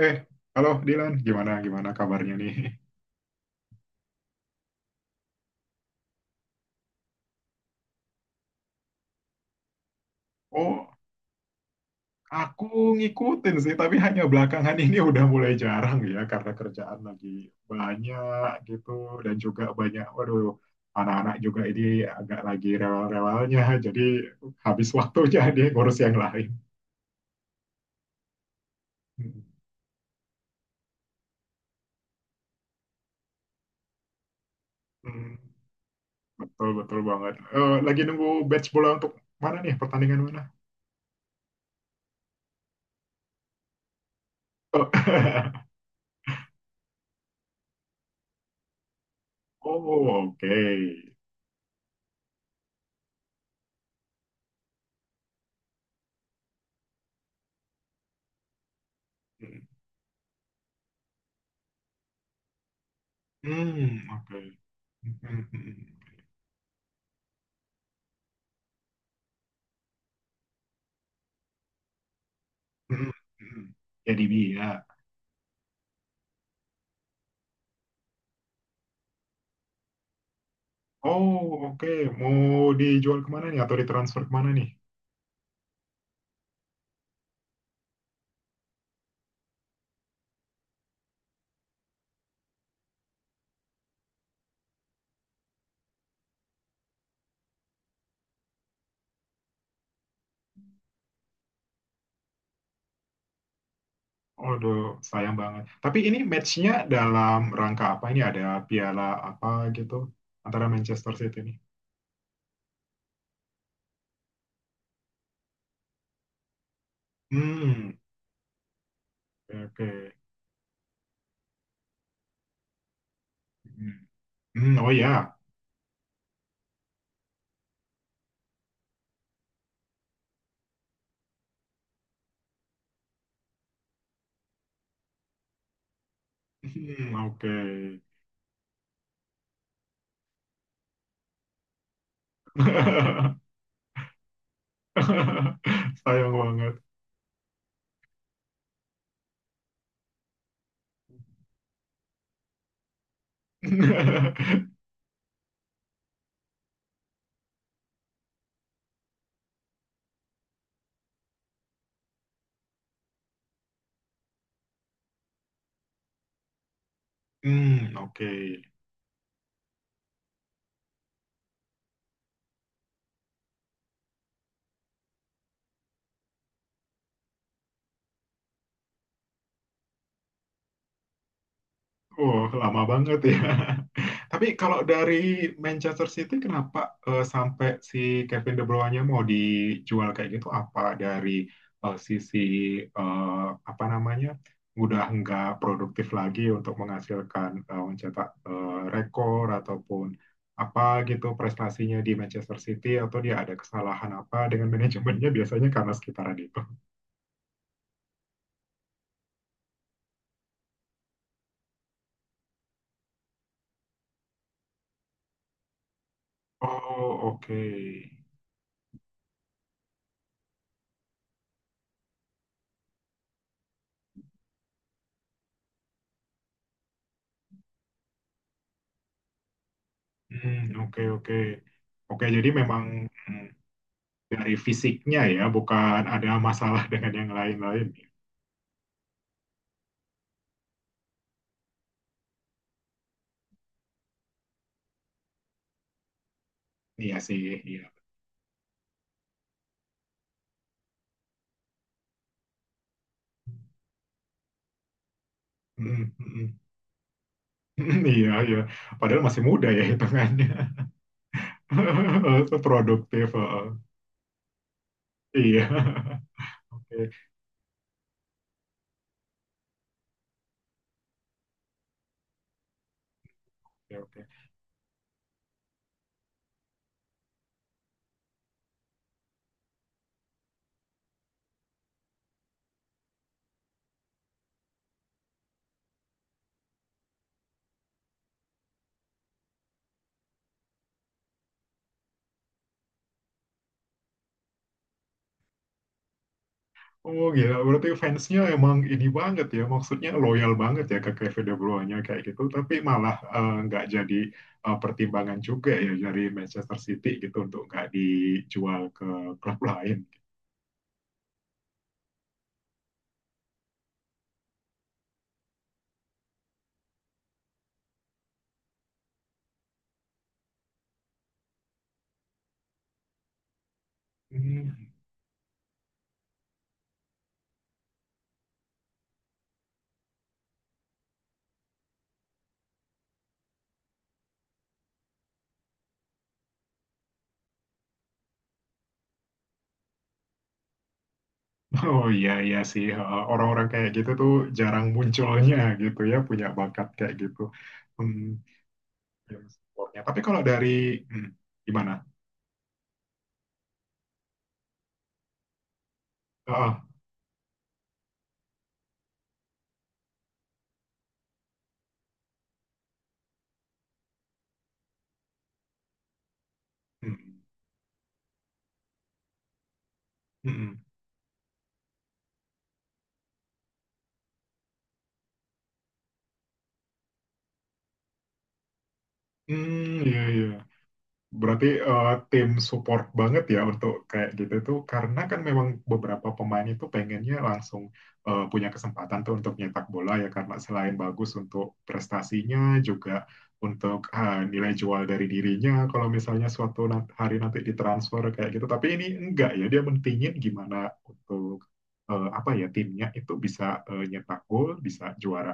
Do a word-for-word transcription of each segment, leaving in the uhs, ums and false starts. Eh, Halo Dilan, gimana gimana kabarnya nih? Oh, aku ngikutin sih, tapi hanya belakangan ini udah mulai jarang ya karena kerjaan lagi banyak gitu dan juga banyak, waduh, anak-anak juga ini agak lagi rewel-rewelnya, jadi habis waktunya dia ngurus yang lain. Hmm, betul betul banget. Eh, lagi nunggu batch bola untuk mana nih pertandingan mana? Oh, oh, oke. Hmm, oke. Mm, mm. Jadi dia. Oh, oke. Mau dijual kemana nih atau ditransfer kemana nih? Aduh, sayang banget. Tapi ini matchnya dalam rangka apa? Ini ada piala apa gitu antara Manchester City nih? Hmm, oke. Oke. Hmm, hmm, oh ya. Hmm, oke. Sayang banget. Hmm, oke. Oh, lama banget ya. Tapi kalau dari Manchester City, kenapa eh, sampai si Kevin De Bruyne mau dijual kayak gitu? Apa dari eh, sisi eh, apa namanya, udah nggak produktif lagi untuk menghasilkan eh, mencetak eh, rekor ataupun apa gitu prestasinya di Manchester City atau dia ada kesalahan apa dengan manajemennya biasanya karena sekitaran itu. Oh, oke. Hmm, oke, oke. Oke, jadi memang hmm, dari fisiknya ya, bukan ada masalah dengan yang lain-lain. Iya sih, iya. Hmm, hmm, hmm. Iya, iya. Padahal masih muda ya hitungannya. Produktif. Heeh. Iya. Oke, oke, oke. Oh, gila. Berarti fansnya emang ini banget ya. Maksudnya loyal banget ya ke Kevin De Bruyne kayak gitu. Tapi malah eh, nggak jadi eh, pertimbangan juga ya dari Manchester City gitu untuk nggak dijual ke klub lain. Hmm. Hmm. Oh, iya iya sih. Uh, orang-orang kayak gitu tuh jarang munculnya gitu ya punya bakat kayak gitu. Hmm, yang sportnya. Tapi kalau dari hmm, gimana? Ah, ah, hmm, hmm, hmm, iya iya. Berarti eh, tim support banget ya untuk kayak gitu tuh karena kan memang beberapa pemain itu pengennya langsung eh, punya kesempatan tuh untuk nyetak bola ya karena selain bagus untuk prestasinya juga untuk ah, nilai jual dari dirinya kalau misalnya suatu nat- hari nanti ditransfer kayak gitu tapi ini enggak ya dia mentingin gimana untuk eh, apa ya timnya itu bisa eh, nyetak gol bisa juara.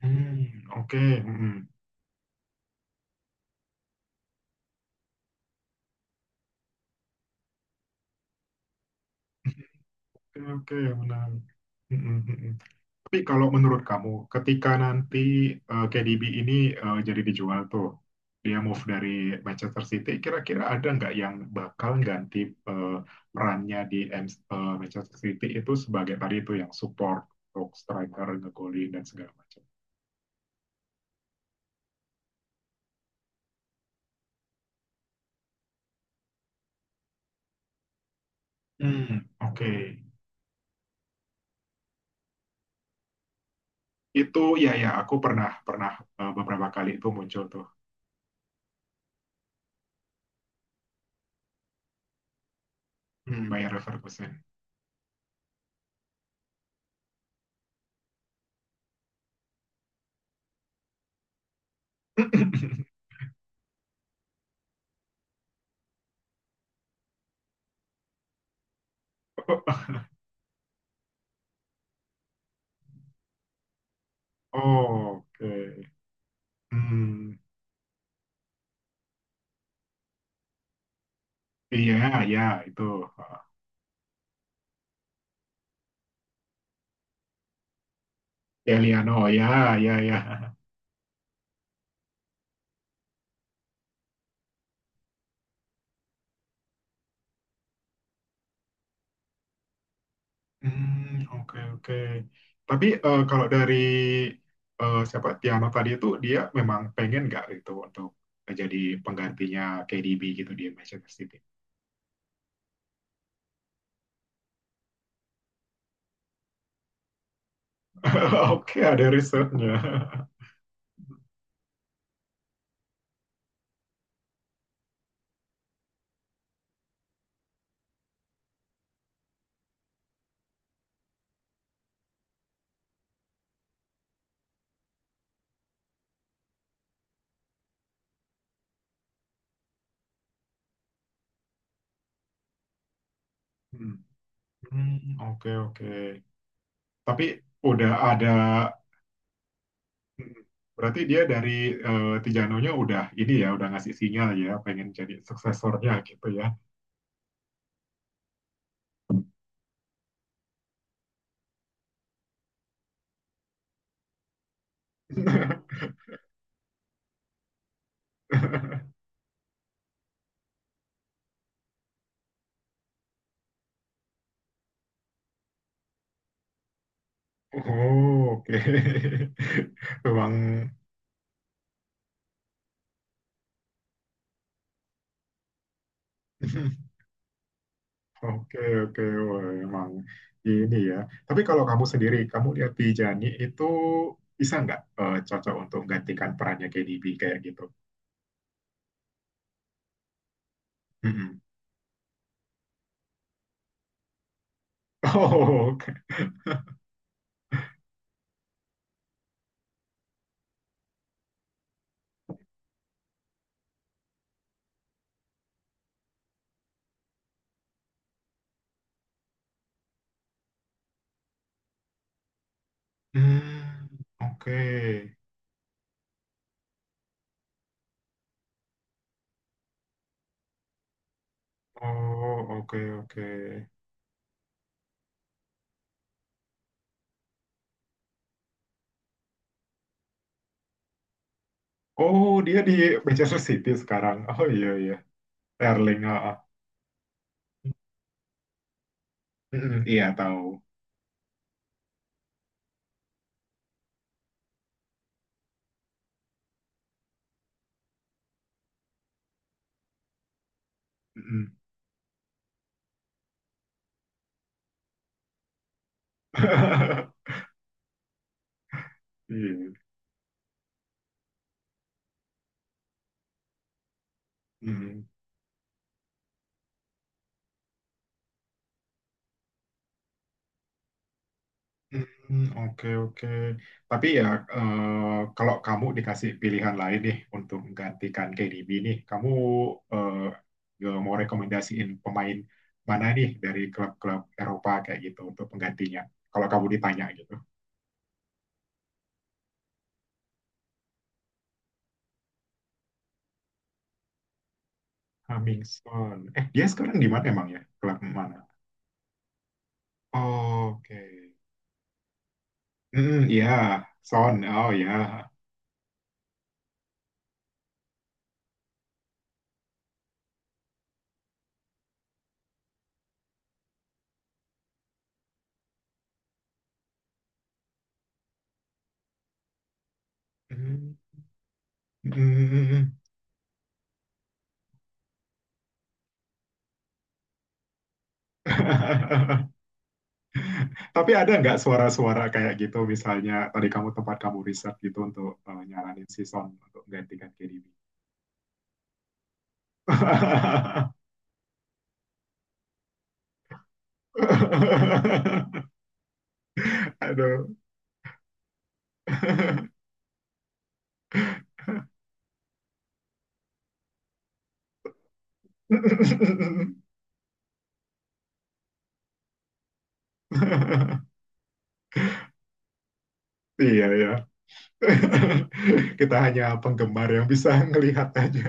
Hmm, oke, mm-mm. Oke, oke, menarik. Hmm, hmm, hmm, hmm. Tapi kalau menurut kamu, ketika nanti eh, K D B ini eh, jadi dijual tuh, dia move dari Manchester City, kira-kira ada nggak yang bakal ganti eh, perannya di M- eh, Manchester City itu sebagai tadi itu yang support untuk striker, ngegolin dan segala macam. Hmm, oke. Itu ya ya, aku pernah pernah eh, beberapa kali itu muncul tuh. Hmm, Bayer Leverkusen. Oke. Hmm, iya ya itu. Delia no ya ya ya. Hmm, oke oke. Tapi eh, kalau dari eh, siapa Tiano tadi itu dia memang pengen nggak gitu untuk jadi penggantinya K D B gitu di Manchester City. Oke, ada risetnya. Hmm, hmm, oke oke. Tapi udah ada. hmm, Berarti dia dari eh, Tijanonya udah ini ya, udah ngasih sinyal ya, pengen jadi suksesornya gitu ya. Oh, oke. Memang oke oke. Wah, emang ini ya. Tapi kalau kamu sendiri, kamu lihat di Jani itu bisa nggak eh, cocok untuk menggantikan perannya K D B kayak gitu? Mm-mm. Oh, oke. Hmm, oke. Oh, oke, oke. Oh, dia di Manchester City sekarang. Oh, iya iya. Erling, ah, ah. Mm-mm, iya tahu. Mm-mm. Iya. Mm. Hmm, oke, oke. Tapi ya, eh, kalau kamu dikasih pilihan lain nih untuk menggantikan K D B nih, kamu eh, eh, mau rekomendasiin pemain mana nih dari klub-klub Eropa kayak gitu untuk penggantinya? Kalau kamu ditanya gitu. Hamilton. Eh, dia sekarang di mana emang ya? Klub mana? Oke. Hmm, iya. Son. Oh, ya. Hmm. Hmm. Tapi ada nggak suara-suara kayak gitu misalnya tadi kamu tempat kamu riset gitu untuk eh, nyaranin si Son untuk menggantikan K D B. Aduh. Iya ya. Kita hanya penggemar yang bisa ngelihat aja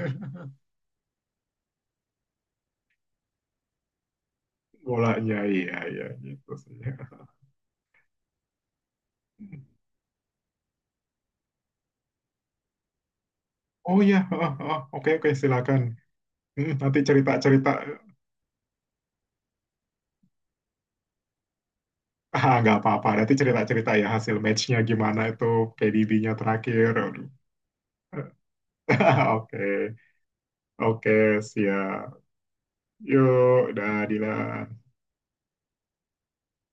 bolanya. Iya iya gitu sih. Oh ya, oke oke silakan. Hmm, nanti cerita-cerita. Ah, nggak apa-apa. Nanti cerita-cerita ya hasil matchnya gimana itu P D B-nya terakhir. Aduh. Oke, oke, siap. Yuk, udah, Dila.